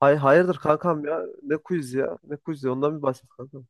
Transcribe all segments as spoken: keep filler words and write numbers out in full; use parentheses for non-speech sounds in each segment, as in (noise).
Hay hayırdır kankam ya? Ne quiz ya? Ne quiz ya? Ondan bir bahset kankam.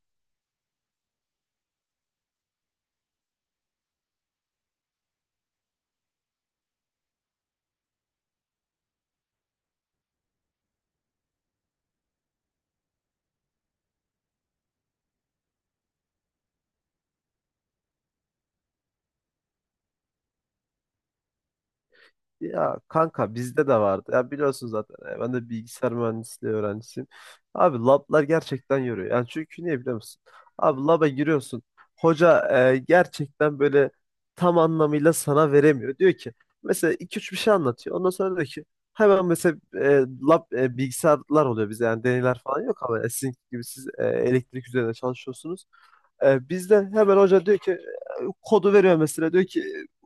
Ya kanka bizde de vardı. Ya biliyorsun zaten. e, Ben de bilgisayar mühendisliği öğrencisiyim. Abi lablar gerçekten yoruyor. Yani çünkü niye biliyor musun? Abi laba giriyorsun. Hoca e, gerçekten böyle tam anlamıyla sana veremiyor. Diyor ki mesela iki üç bir şey anlatıyor. Ondan sonra diyor ki hemen mesela e, lab e, bilgisayarlar oluyor bize. Yani deneyler falan yok ama e, sizin gibi siz e, elektrik üzerine çalışıyorsunuz. E, bizden hemen hoca diyor ki e, kodu veriyor mesela diyor ki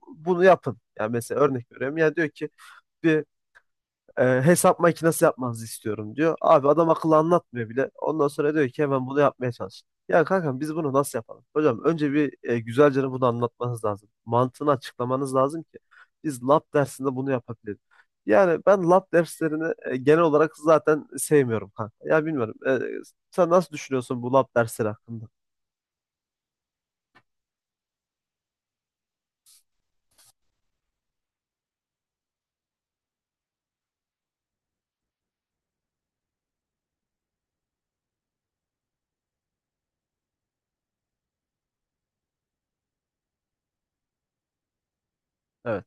bunu yapın. Yani mesela örnek veriyorum. Yani diyor ki bir e, hesap makinesi yapmanızı istiyorum diyor. Abi adam akıllı anlatmıyor bile. Ondan sonra diyor ki hemen bunu yapmaya çalışın. Ya kankam biz bunu nasıl yapalım? Hocam önce bir e, güzelce bunu anlatmanız lazım. Mantığını açıklamanız lazım ki biz lab dersinde bunu yapabiliriz. Yani ben lab derslerini e, genel olarak zaten sevmiyorum kanka. Ya bilmiyorum. E, sen nasıl düşünüyorsun bu lab dersleri hakkında? Evet,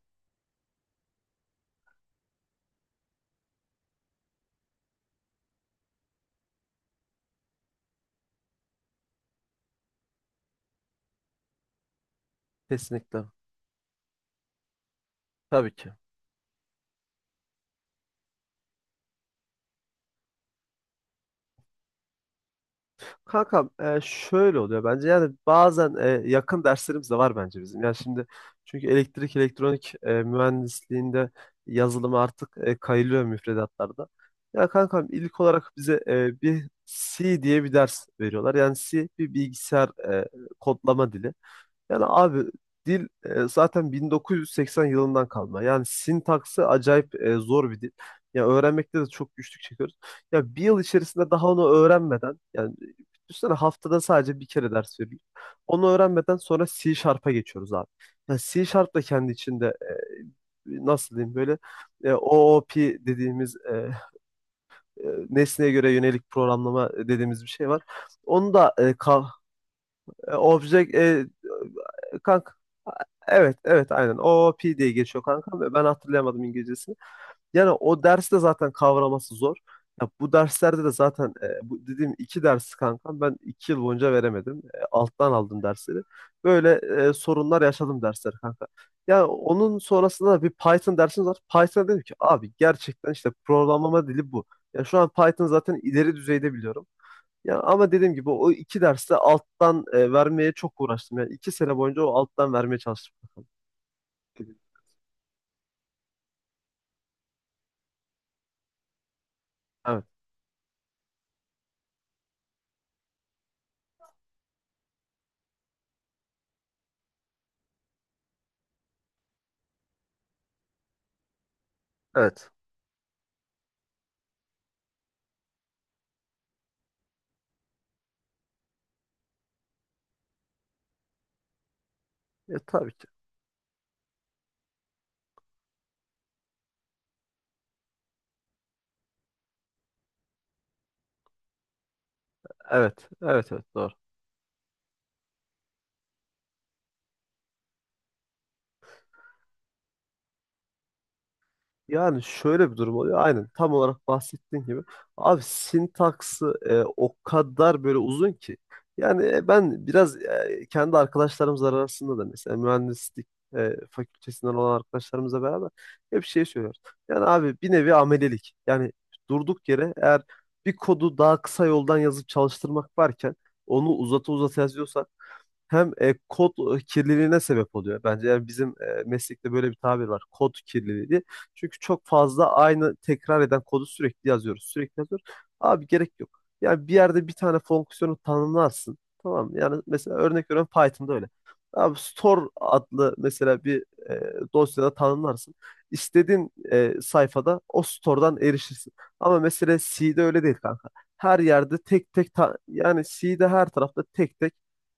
kesinlikle. Tabii ki. Kankam e, şöyle oluyor bence yani bazen e, yakın derslerimiz de var bence bizim. Yani şimdi çünkü elektrik elektronik e, mühendisliğinde yazılım artık e, kayılıyor müfredatlarda. Ya kankam ilk olarak bize e, bir C diye bir ders veriyorlar. Yani C bir bilgisayar e, kodlama dili. Yani abi dil e, zaten bin dokuz yüz seksen yılından kalma. Yani sintaksı acayip e, zor bir dil. Ya öğrenmekte de çok güçlük çekiyoruz. Ya bir yıl içerisinde daha onu öğrenmeden yani düşünsene haftada sadece bir kere ders veriyor. Onu öğrenmeden sonra C Sharp'a geçiyoruz abi. Yani C Sharp da kendi içinde e, nasıl diyeyim böyle e, o o p dediğimiz e, e, nesneye göre yönelik programlama dediğimiz bir şey var. Onu da e, ka- e, Object e, kanka, evet evet aynen o P diye geçiyor kanka ve ben hatırlayamadım İngilizcesini. Yani o derste zaten kavraması zor. Ya bu derslerde de zaten e, bu dediğim iki dersi kanka ben iki yıl boyunca veremedim. E, alttan aldım dersleri. Böyle e, sorunlar yaşadım dersleri kanka. Yani onun sonrasında da bir Python dersimiz var. Python dedim ki abi gerçekten işte programlama dili bu. Ya şu an Python zaten ileri düzeyde biliyorum. Ya ama dediğim gibi o iki derste alttan e, vermeye çok uğraştım. Yani iki sene boyunca o alttan vermeye çalıştım. Evet. Evet. Ya tabii ki. Evet. Evet. Evet. Doğru. Yani şöyle bir durum oluyor. Aynen tam olarak bahsettiğin gibi. Abi sintaksı e, o kadar böyle uzun ki. Yani e, ben biraz e, kendi arkadaşlarımız arasında da mesela mühendislik e, fakültesinden olan arkadaşlarımızla beraber hep şey söylüyoruz. Yani abi bir nevi amelelik. Yani durduk yere eğer bir kodu daha kısa yoldan yazıp çalıştırmak varken onu uzata uzata yazıyorsan hem e, kod kirliliğine sebep oluyor. Bence yani bizim e, meslekte böyle bir tabir var. Kod kirliliği diye. Çünkü çok fazla aynı tekrar eden kodu sürekli yazıyoruz. Sürekli yazıyoruz. Abi gerek yok. Yani bir yerde bir tane fonksiyonu tanımlarsın. Tamam mı? Yani mesela örnek veriyorum Python'da öyle. Abi store adlı mesela bir e, dosyada tanımlarsın. İstediğin e, sayfada o store'dan erişirsin. Ama mesela C'de öyle değil kanka. Her yerde tek tek ta- yani C'de her tarafta tek tek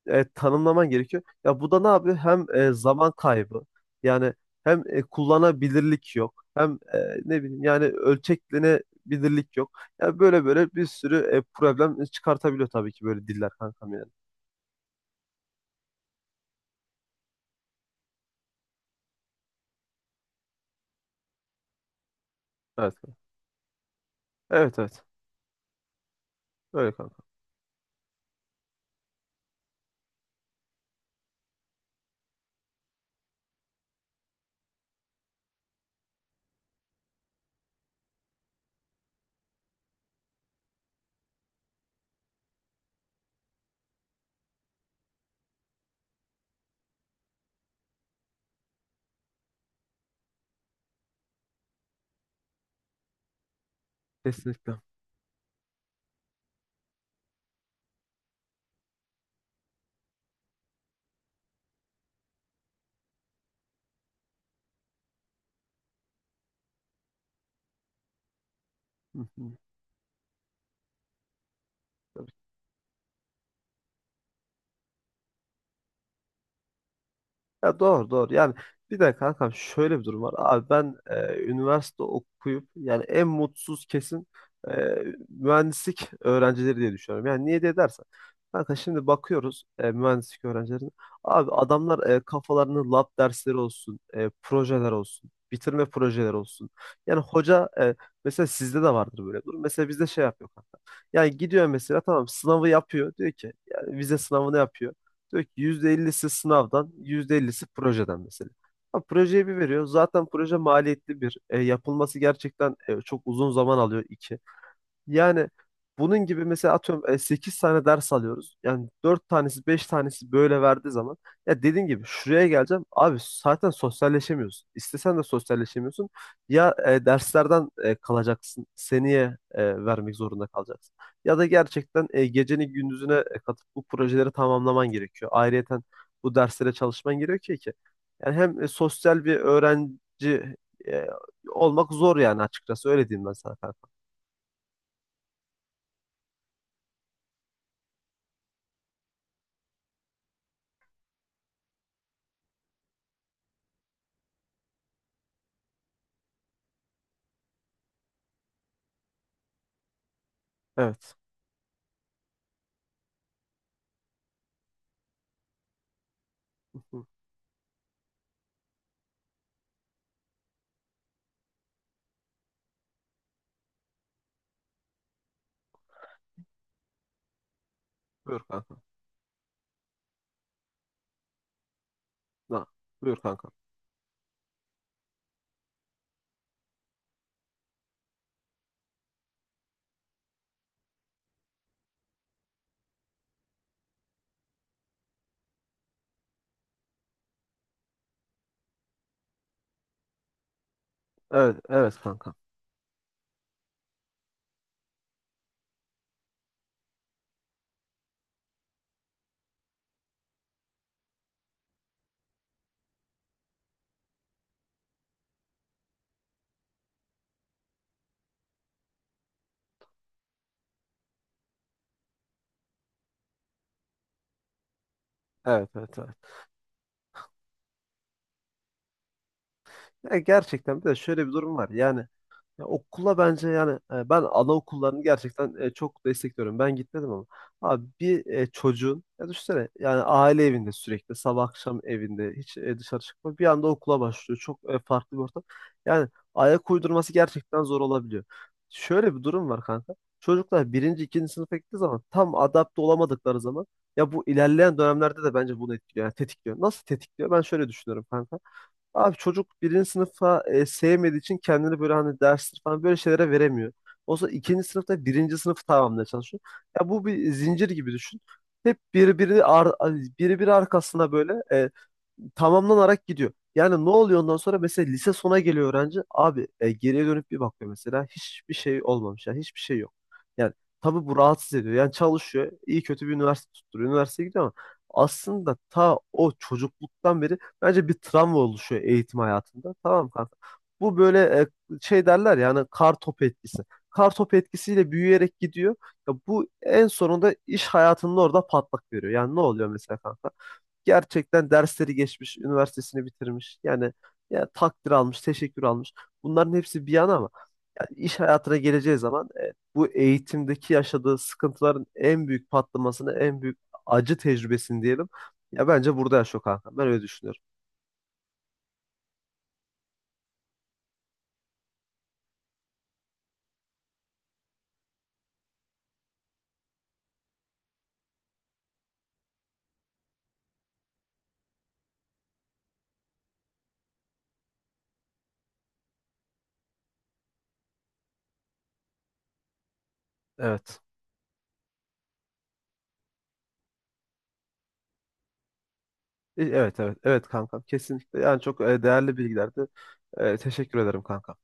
e, tanımlaman gerekiyor. Ya bu da ne yapıyor? Hem e, zaman kaybı yani hem e, kullanabilirlik yok. Hem e, ne bileyim yani ölçeklenebilirlik yok. Ya böyle böyle bir sürü e, problem çıkartabiliyor tabii ki böyle diller kankam yani. Evet. Evet evet. Öyle kanka. Kesinlikle. Hı hı. Ya doğru doğru. Yani bir de kankam şöyle bir durum var. Abi ben e, üniversite okuyup yani en mutsuz kesin e, mühendislik öğrencileri diye düşünüyorum. Yani niye diye dersen. Kanka şimdi bakıyoruz e, mühendislik öğrencilerine. Abi adamlar e, kafalarını lab dersleri olsun, e, projeler olsun, bitirme projeleri olsun. Yani hoca e, mesela sizde de vardır böyle bir durum. Mesela bizde şey yapıyor kanka. Yani gidiyor mesela tamam sınavı yapıyor. Diyor ki yani vize sınavını yapıyor. Diyor ki yüzde ellisi sınavdan, yüzde ellisi projeden mesela. Ha, projeyi bir veriyor. Zaten proje maliyetli bir. E, yapılması gerçekten e, çok uzun zaman alıyor. İki. Yani bunun gibi mesela atıyorum e, sekiz tane ders alıyoruz. Yani dört tanesi beş tanesi böyle verdiği zaman ya dediğin gibi şuraya geleceğim. Abi zaten sosyalleşemiyorsun. İstesen de sosyalleşemiyorsun. Ya e, derslerden e, kalacaksın. Seneye e, vermek zorunda kalacaksın. Ya da gerçekten e, geceni gündüzüne e, katıp bu projeleri tamamlaman gerekiyor. Ayrıyeten bu derslere çalışman gerekiyor ki. Yani hem e, sosyal bir öğrenci e, olmak zor yani açıkçası öyle diyeyim ben sana kanka. Evet. (laughs) Buyur kanka. Ha, buyur kanka. Evet, evet kanka. Evet, evet, evet. Ya gerçekten bir de şöyle bir durum var. Yani ya okula bence yani e, ben anaokullarını gerçekten e, çok destekliyorum. Ben gitmedim ama. Abi bir e, çocuğun ya düşünsene yani aile evinde sürekli sabah akşam evinde hiç e, dışarı çıkmıyor. Bir anda okula başlıyor. Çok e, farklı bir ortam. Yani ayak uydurması gerçekten zor olabiliyor. Şöyle bir durum var kanka. Çocuklar birinci, ikinci sınıfa gittiği zaman tam adapte olamadıkları zaman ya bu ilerleyen dönemlerde de bence bunu etkiliyor. Yani tetikliyor. Nasıl tetikliyor? Ben şöyle düşünüyorum kanka. Abi çocuk birinci sınıfa e, sevmediği için kendini böyle hani dersler falan böyle şeylere veremiyor. Olsa ikinci sınıfta birinci sınıfı tamamlamaya çalışıyor. Ya bu bir zincir gibi düşün. Hep birbiri ar- birbiri arkasına böyle e, tamamlanarak gidiyor. Yani ne oluyor ondan sonra mesela lise sona geliyor öğrenci. Abi e, geriye dönüp bir bakıyor mesela hiçbir şey olmamış. Yani hiçbir şey yok. Yani tabii bu rahatsız ediyor. Yani çalışıyor. İyi kötü bir üniversite tutturuyor. Üniversiteye gidiyor ama aslında ta o çocukluktan beri bence bir travma oluşuyor eğitim hayatında. Tamam mı kanka? Bu böyle e, şey derler yani, kar topu etkisi. Kar topu etkisiyle büyüyerek gidiyor. Ya bu en sonunda iş hayatının orada patlak veriyor. Yani ne oluyor mesela kanka? Gerçekten dersleri geçmiş, üniversitesini bitirmiş. Yani ya takdir almış, teşekkür almış. Bunların hepsi bir yana ama yani iş hayatına geleceği zaman e, bu eğitimdeki yaşadığı sıkıntıların en büyük patlamasını, en büyük acı tecrübesini diyelim. Ya bence burada yaşıyor kanka. Ben öyle düşünüyorum. Evet. E, Evet evet evet kankam kesinlikle yani çok e, değerli bilgilerdi. E, teşekkür ederim kankam.